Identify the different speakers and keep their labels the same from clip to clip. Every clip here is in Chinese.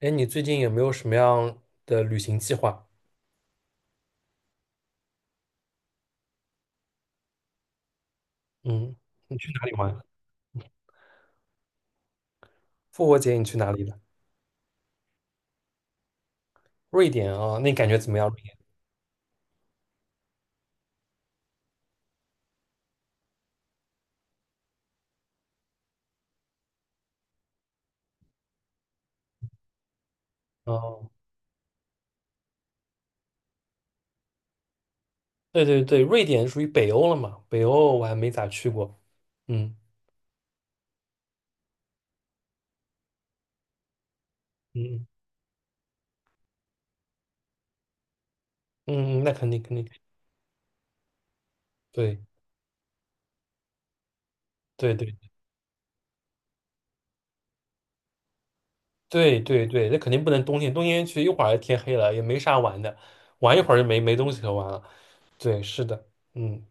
Speaker 1: 哎，你最近有没有什么样的旅行计划？嗯，你去哪里玩？复活节你去哪里了？瑞典啊，那你感觉怎么样？瑞典？哦，对对对，瑞典属于北欧了嘛？北欧我还没咋去过。嗯嗯嗯，那肯定，对对对对对对，那肯定不能冬天，冬天去一会儿天黑了，也没啥玩的，玩一会儿就没东西可玩了。对，是的，嗯，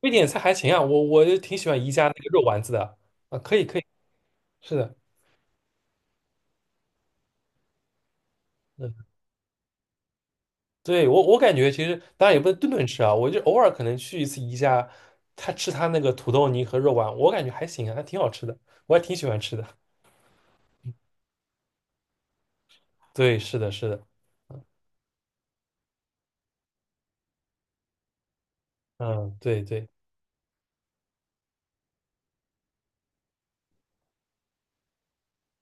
Speaker 1: 瑞典菜还行啊，我就挺喜欢宜家那个肉丸子的啊，可以可以，是的。嗯。对，我感觉其实当然也不能顿顿吃啊，我就偶尔可能去一次宜家，他吃他那个土豆泥和肉丸，我感觉还行啊，还挺好吃的，我还挺喜欢吃的。对，是的，是的，嗯，对对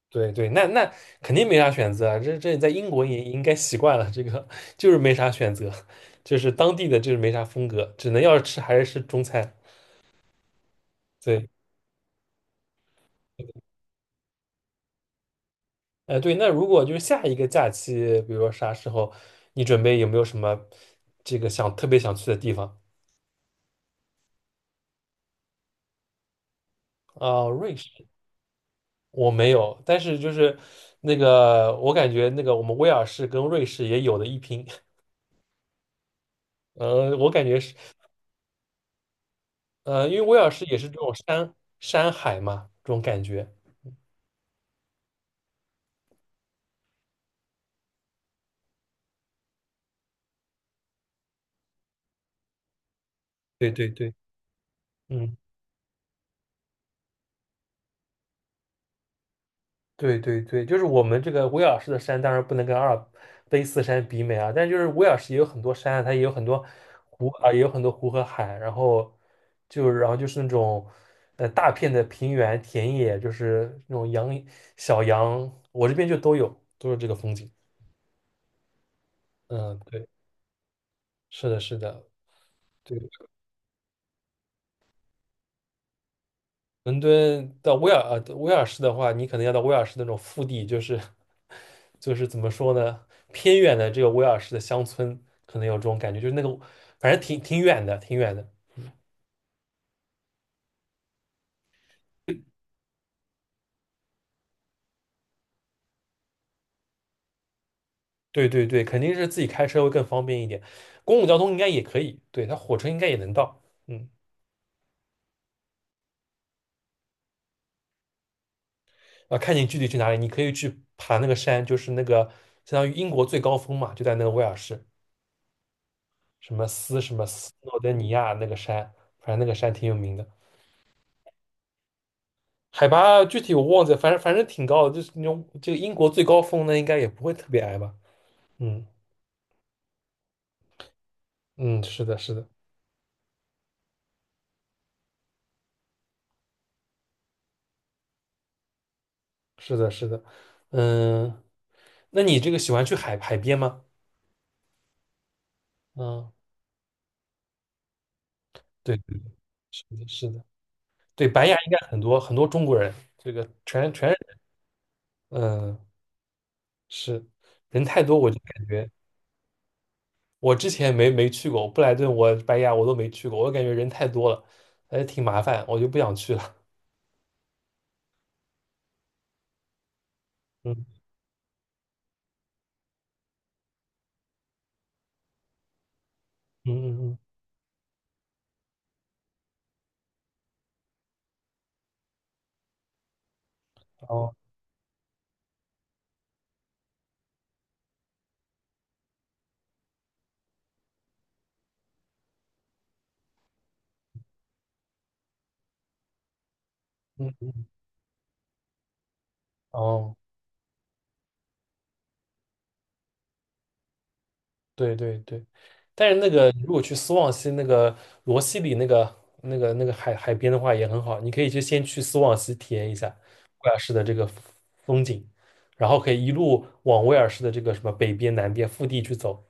Speaker 1: 对对，那肯定没啥选择啊，这在英国也应该习惯了，这个就是没啥选择，就是当地的就是没啥风格，只能要是吃还是吃中餐。对，对，那如果就是下一个假期，比如说啥时候，你准备有没有什么这个想特别想去的地方啊？瑞士。我没有，但是就是那个，我感觉那个我们威尔士跟瑞士也有的一拼。我感觉是，因为威尔士也是这种山海嘛，这种感觉。对对对，嗯，对对对，就是我们这个威尔士的山，当然不能跟阿尔卑斯山比美啊，但是就是威尔士也有很多山啊，它也有很多湖啊，也有很多湖和海，然后就是那种大片的平原田野，就是那种小羊，我这边就都有，都是这个风景。嗯，对，是的，是的，对，伦敦到威尔士的话，你可能要到威尔士那种腹地，就是怎么说呢，偏远的这个威尔士的乡村，可能有这种感觉，就是那个反正挺远的，挺远的。对对对，肯定是自己开车会更方便一点，公共交通应该也可以，对，它火车应该也能到，嗯，啊，看你具体去哪里，你可以去爬那个山，就是那个相当于英国最高峰嘛，就在那个威尔士，什么斯诺登尼亚那个山，反正那个山挺有名的，海拔具体我忘记了，反正挺高的，就是那种这个英国最高峰呢，应该也不会特别矮吧？嗯嗯，是的，是的，是的，是的，嗯，那你这个喜欢去海边吗？嗯，对，对对是的，是的，对，白牙应该很多很多中国人，这个全，嗯，是，人太多，我就感觉。我之前没去过布莱顿，我白崖我都没去过，我感觉人太多了，还挺麻烦，我就不想去了。嗯嗯嗯嗯，哦，嗯嗯，哦，对对对，但是那个如果去斯旺西那个罗西里那个海边的话也很好，你可以去先去斯旺西体验一下威尔士的这个风景，然后可以一路往威尔士的这个什么北边南边腹地去走，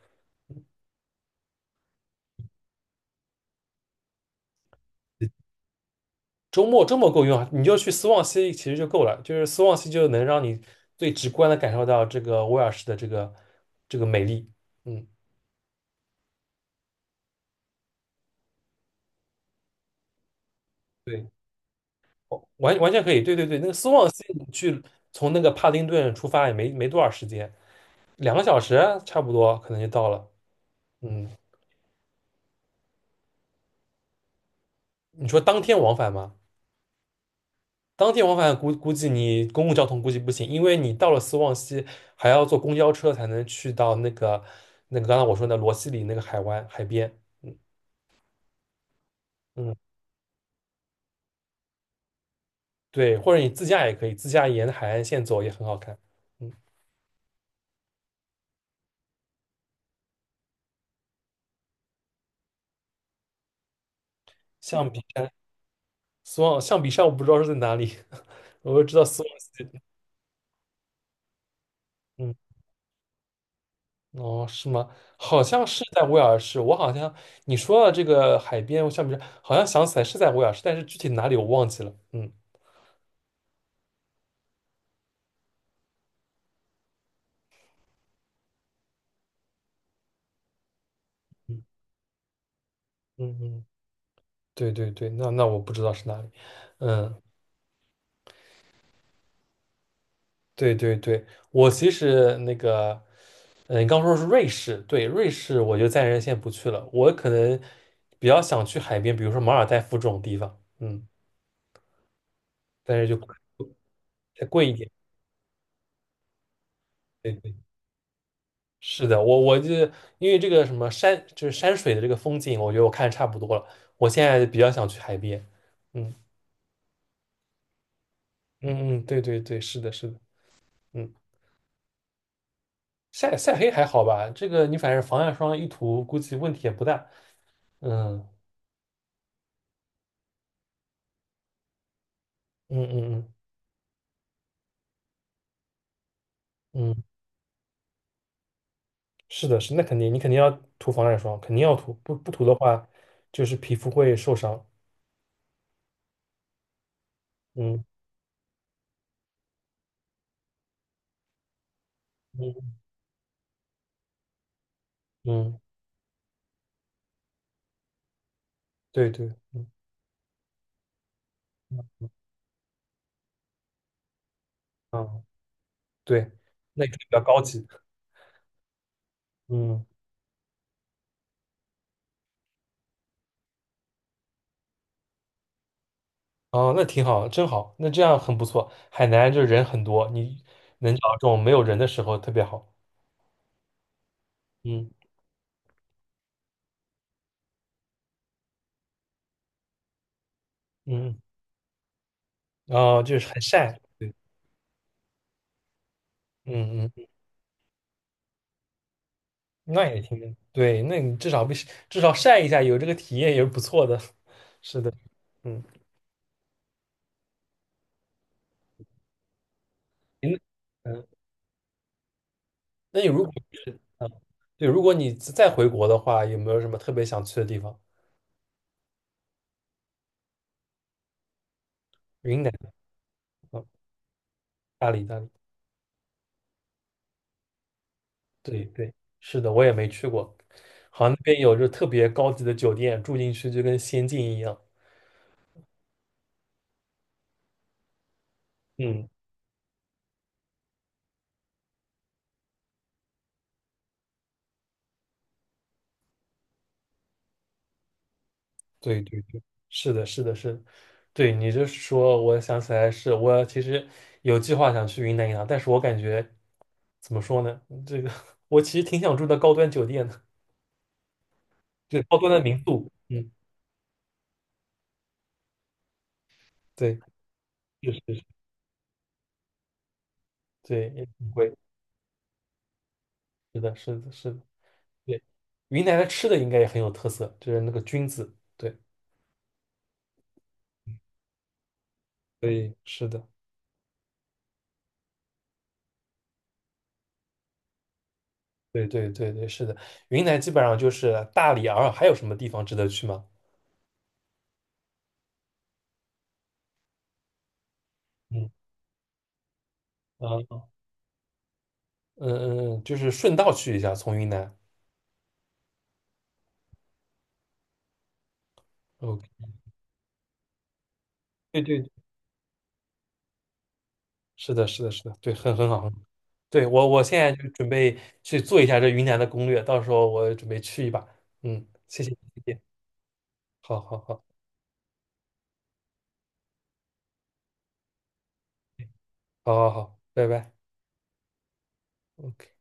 Speaker 1: 周末够用啊，你就去斯旺西其实就够了，就是斯旺西就能让你最直观的感受到这个威尔士的这个美丽。嗯，对，哦，完全可以，对对对，那个斯旺西你去从那个帕丁顿出发也没多少时间，两个小时差不多可能就到了。嗯，你说当天往返吗？当天往返估计你公共交通估计不行，因为你到了斯旺西还要坐公交车才能去到那个刚才我说的罗西里那个海湾海边。嗯嗯，对，或者你自驾也可以，自驾沿海岸线走也很好看。嗯，象鼻山，苏澳，象鼻山我不知道是在哪里，我就知道苏澳，嗯，哦，是吗？好像是在威尔士，我好像，你说到这个海边象鼻山，好像想起来是在威尔士，但是具体哪里我忘记了。嗯嗯嗯嗯，对对对，那我不知道是哪里。嗯。对对对，我其实那个，嗯，你刚说是瑞士，对，瑞士我就暂时先不去了，我可能比较想去海边，比如说马尔代夫这种地方，嗯，但是就再贵一点。对对，是的，我就因为这个什么山，就是山水的这个风景，我觉得我看差不多了，我现在比较想去海边。嗯嗯嗯，对对对，是的，是的，嗯，晒黑还好吧，这个你反正防晒霜一涂，估计问题也不大。嗯嗯嗯嗯嗯。是的，是，那肯定，你肯定要涂防晒霜，肯定要涂，不涂的话，就是皮肤会受伤。嗯嗯嗯，对对，嗯嗯，对，那个比较高级。嗯，哦，那挺好，真好，那这样很不错。海南就是人很多，你能找到这种没有人的时候特别好。嗯嗯，哦，就是很晒。对，嗯嗯，那也挺，对，那你至少不至少晒一下，有这个体验也是不错的。是的，嗯，您嗯。那你如嗯，对，如果你再回国的话，有没有什么特别想去的地方？云南，嗯，大理，大理，对对，是的，我也没去过。好像那边有就特别高级的酒店，住进去就跟仙境一样。嗯，对对对，是的，是的，是的。对你这说，我想起来是，我其实有计划想去云南一趟，但是我感觉怎么说呢？这个 我其实挺想住的高端酒店的，对，高端的民宿。嗯，对，是是是，对，也挺贵。是的，是的，是的。对，云南的吃的应该也很有特色，就是那个菌子。对，所以是的，对，对，对，对，是的，云南基本上就是大理、洱海，还有什么地方值得去吗？嗯，啊，嗯嗯，嗯，就是顺道去一下，从云南。OK，对对，是的，是的，是的，对，很好。很好。对，我现在就准备去做一下这云南的攻略，到时候我准备去一把。嗯，谢谢，谢谢，好好好，好好好，拜拜。OK。